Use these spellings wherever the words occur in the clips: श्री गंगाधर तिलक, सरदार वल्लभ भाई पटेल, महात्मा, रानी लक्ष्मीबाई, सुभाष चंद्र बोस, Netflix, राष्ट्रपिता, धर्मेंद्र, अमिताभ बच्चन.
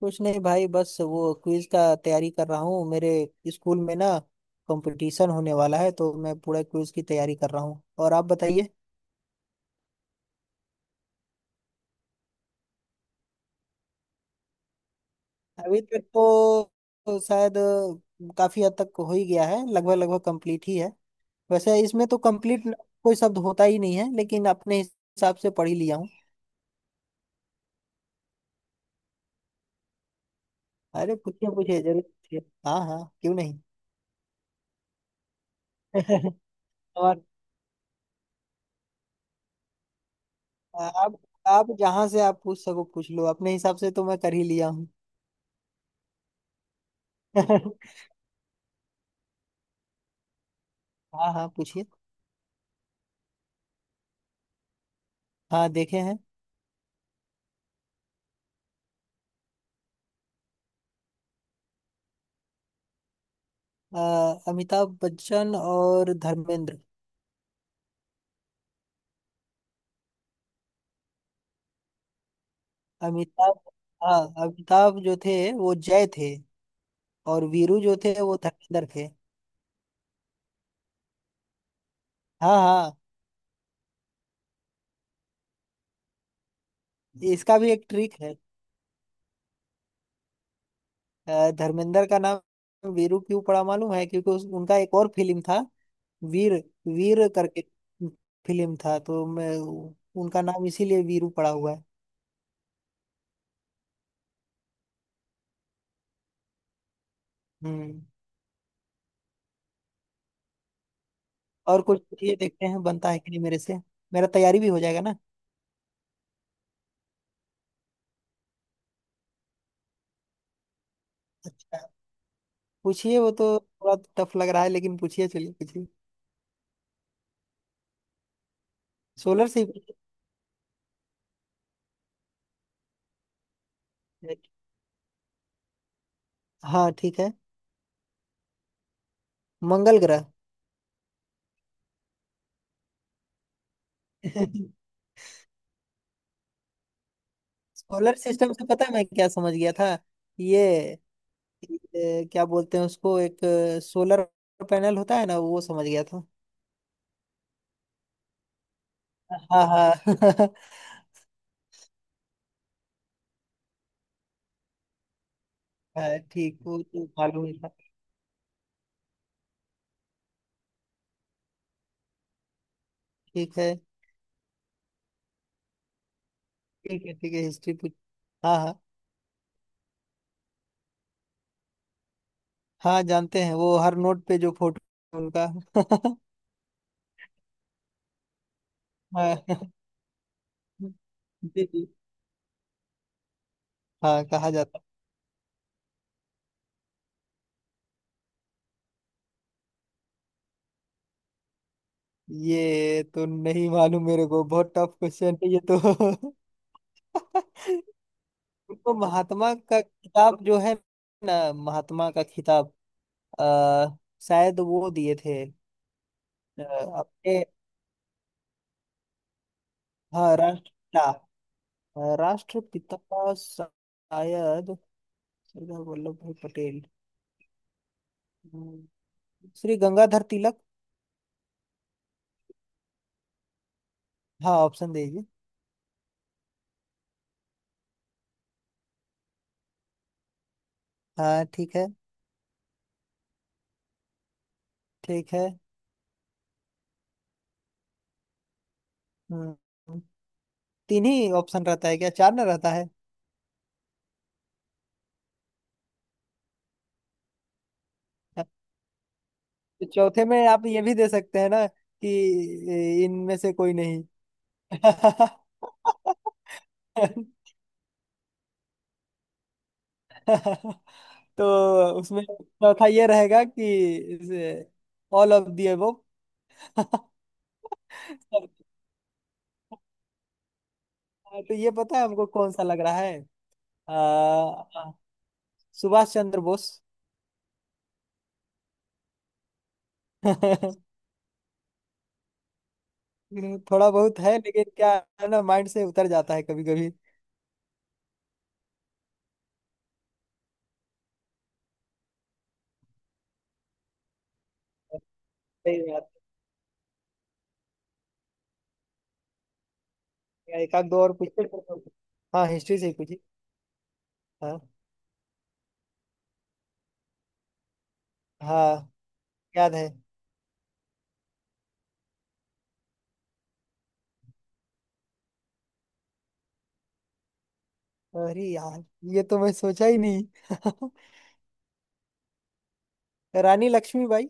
कुछ नहीं भाई, बस वो क्विज का तैयारी कर रहा हूँ। मेरे स्कूल में ना कंपटीशन होने वाला है, तो मैं पूरा क्विज की तैयारी कर रहा हूँ। और आप बताइए। अभी तक तो शायद काफी हद तक हो ही गया है। लगभग लगभग कंप्लीट ही है। वैसे इसमें तो कंप्लीट कोई शब्द होता ही नहीं है, लेकिन अपने हिसाब से पढ़ ही लिया हूँ। अरे पूछिए, पूछिए, जरूर पूछिए। हाँ हाँ, क्यों नहीं। और आप आप जहाँ से आप पूछ सको पूछ लो। अपने हिसाब से तो मैं कर ही लिया हूँ। हाँ हाँ, पूछिए। हाँ, देखे हैं। अमिताभ बच्चन और धर्मेंद्र। अमिताभ। हाँ, अमिताभ जो थे वो जय थे, और वीरू जो थे वो धर्मेंद्र थे। हाँ हाँ, इसका भी एक ट्रिक है। धर्मेंद्र का नाम वीरू क्यों पड़ा मालूम है? क्योंकि उनका एक और फिल्म था, वीर। वीर करके फिल्म था, तो मैं उनका नाम इसीलिए वीरू पड़ा हुआ है। हम्म। और कुछ ये देखते हैं बनता है कि नहीं मेरे से। मेरा तैयारी भी हो जाएगा ना। अच्छा, पूछिए। वो तो थोड़ा टफ लग रहा है, लेकिन पूछिए, चलिए पूछिए। सोलर से ही पूछिए। हाँ ठीक है। मंगल ग्रह। सोलर सिस्टम से पता है मैं क्या समझ गया था? ये ये क्या बोलते हैं उसको, एक सोलर पैनल होता है ना, वो समझ गया था। हाँ हाँ। हाँ, ठीक, वो तो मालूम ही था। ठीक है। ठीक है, ठीक है, हिस्ट्री पूछ। हाँ हाँ। हाँ, जानते हैं, वो हर नोट पे जो फोटो उनका। हाँ, जी जी। हाँ, कहा जाता है। ये तो नहीं मालूम मेरे को, बहुत टफ क्वेश्चन है ये तो। उनको महात्मा का खिताब जो है। ना, महात्मा का खिताब अ, शायद वो दिए थे। अ, अपने। हाँ, राष्ट्रपिता। राष्ट्रपिता का शायद सरदार वल्लभ भाई पटेल, हम्म, श्री गंगाधर तिलक। हाँ, ऑप्शन दे दीजिए। हाँ ठीक है। ठीक है। हम्म, तीन ही ऑप्शन रहता है क्या, चार ना रहता है? तो चौथे में आप ये भी दे सकते हैं ना कि इनमें से कोई नहीं। तो उसमें चौथा ये रहेगा कि ऑल ऑफ दी अबव। तो ये पता है हमको कौन सा लग रहा है। आ, सुभाष चंद्र बोस। थोड़ा बहुत है, लेकिन क्या है ना, माइंड से उतर जाता है कभी कभी। सही बात है। एक आध दो और पूछते हैं। हाँ, हिस्ट्री से ही पूछिए। हाँ हाँ, याद है। अरे यार, ये तो मैं सोचा ही नहीं। रानी लक्ष्मीबाई।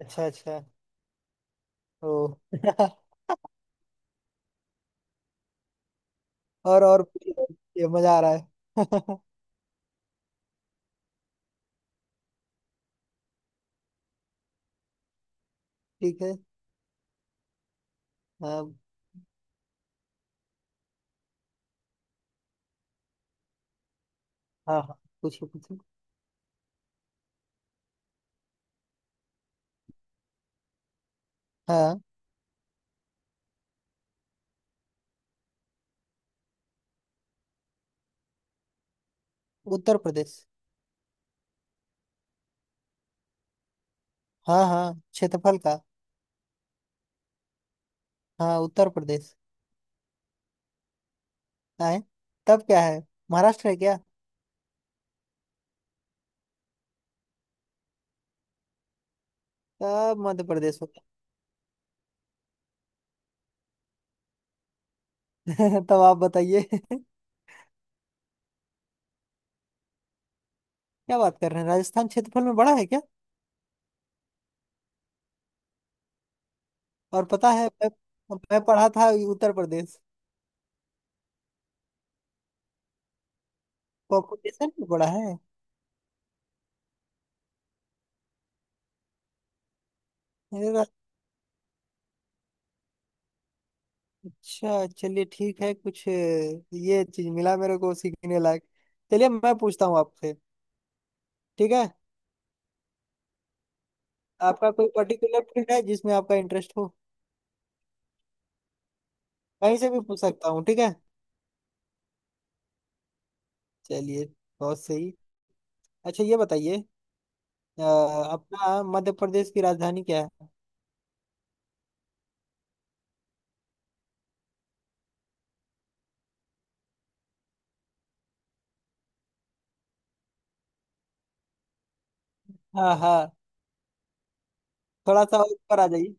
अच्छा अच्छा। ओ। और पूछिए, ये मजा आ रहा है। ठीक है। हाँ हाँ हाँ, पूछिए पूछिए। हाँ, उत्तर प्रदेश। हाँ हाँ, क्षेत्रफल का। हाँ, उत्तर प्रदेश। आए, तब क्या है? महाराष्ट्र है क्या? तब मध्य प्रदेश होता है। तब आप बताइए। क्या बात कर रहे हैं, राजस्थान क्षेत्रफल में बड़ा है क्या? और पता है मैं पढ़ा था उत्तर प्रदेश पॉपुलेशन में बड़ा है। अच्छा, चलिए ठीक है। कुछ ये चीज मिला मेरे को सीखने लायक। चलिए, मैं पूछता हूँ आपसे। ठीक है। आपका कोई पर्टिकुलर फील्ड है जिसमें आपका इंटरेस्ट हो? कहीं से भी पूछ सकता हूँ? ठीक है। चलिए, बहुत सही। अच्छा, ये बताइए, अ, अपना मध्य प्रदेश की राजधानी क्या है? हाँ हाँ। थोड़ा सा और ऊपर आ जाइए।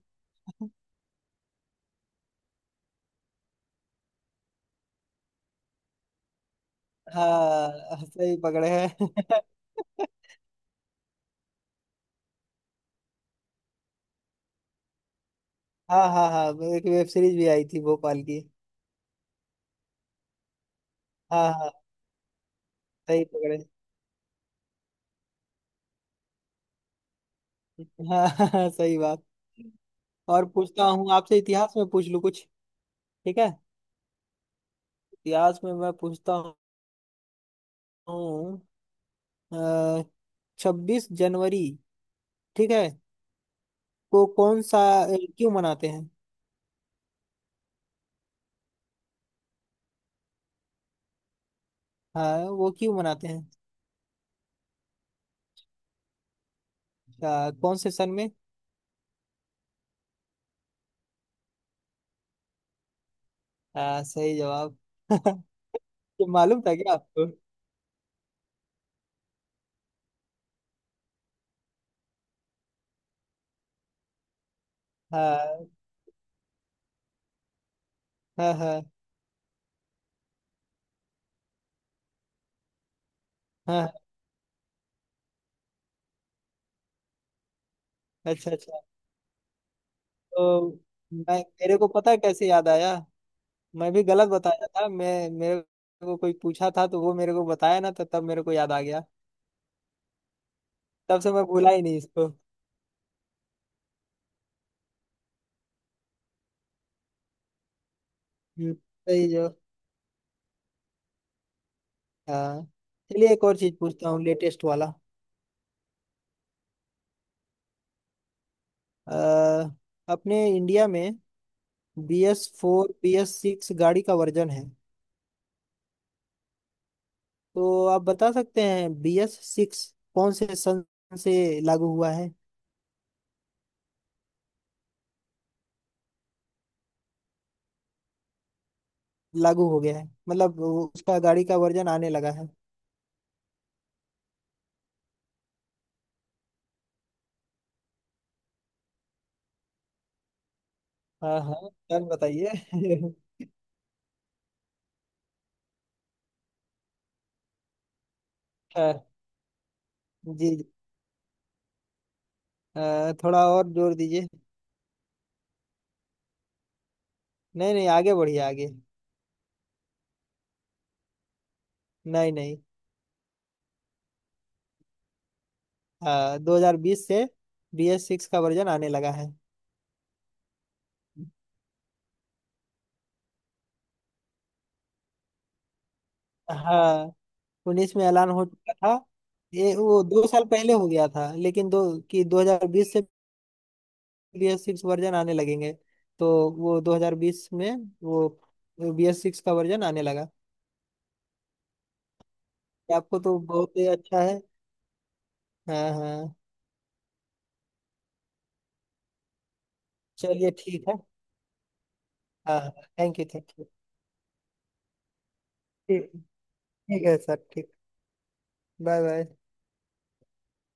हाँ, सही पकड़े हैं। हाँ हाँ हाँ। एक वेब सीरीज भी आई थी भोपाल की। हाँ हाँ, सही पकड़े। हाँ। हाँ, सही बात। और पूछता हूँ आपसे, इतिहास में पूछ लूँ कुछ? ठीक है। इतिहास में मैं पूछता हूँ। 26 जनवरी, ठीक है, को कौन सा अ, क्यों मनाते हैं? हाँ, वो क्यों मनाते हैं? कौन से सन में? हाँ, सही जवाब। ये मालूम था क्या आपको? हाँ हाँ हाँ हाँ। अच्छा अच्छा। तो मैं मेरे को पता है कैसे याद आया। मैं भी गलत बताया था, मैं मेरे को कोई पूछा था तो वो मेरे को बताया ना, तो तब मेरे को याद आ गया। तब से मैं भूला ही नहीं इसको। सही जो। हाँ चलिए, एक और चीज पूछता हूँ लेटेस्ट वाला। अ, अपने इंडिया में B S four, B S six गाड़ी का वर्जन है। तो आप बता सकते हैं बी एस सिक्स कौन से सन से लागू हुआ है? लागू हो गया है, मतलब उसका गाड़ी का वर्जन आने लगा है। हाँ हाँ सर, बताइए। हाँ जी जी। थोड़ा और जोर दीजिए। नहीं नहीं, आगे बढ़िए, आगे। नहीं नहीं। हाँ, 2020 से बी एस सिक्स का वर्जन आने लगा है। हाँ, पुलिस में ऐलान हो चुका था, ये वो 2 साल पहले हो गया था लेकिन दो, कि 2020 से बीएस सिक्स वर्जन आने लगेंगे। तो वो 2020 में वो बीएस सिक्स का वर्जन आने लगा। आपको तो बहुत ही अच्छा है। हाँ हाँ, चलिए ठीक है। हाँ हाँ। थैंक यू थैंक यू, ठीक। ठीक है सर, ठीक। Bye bye.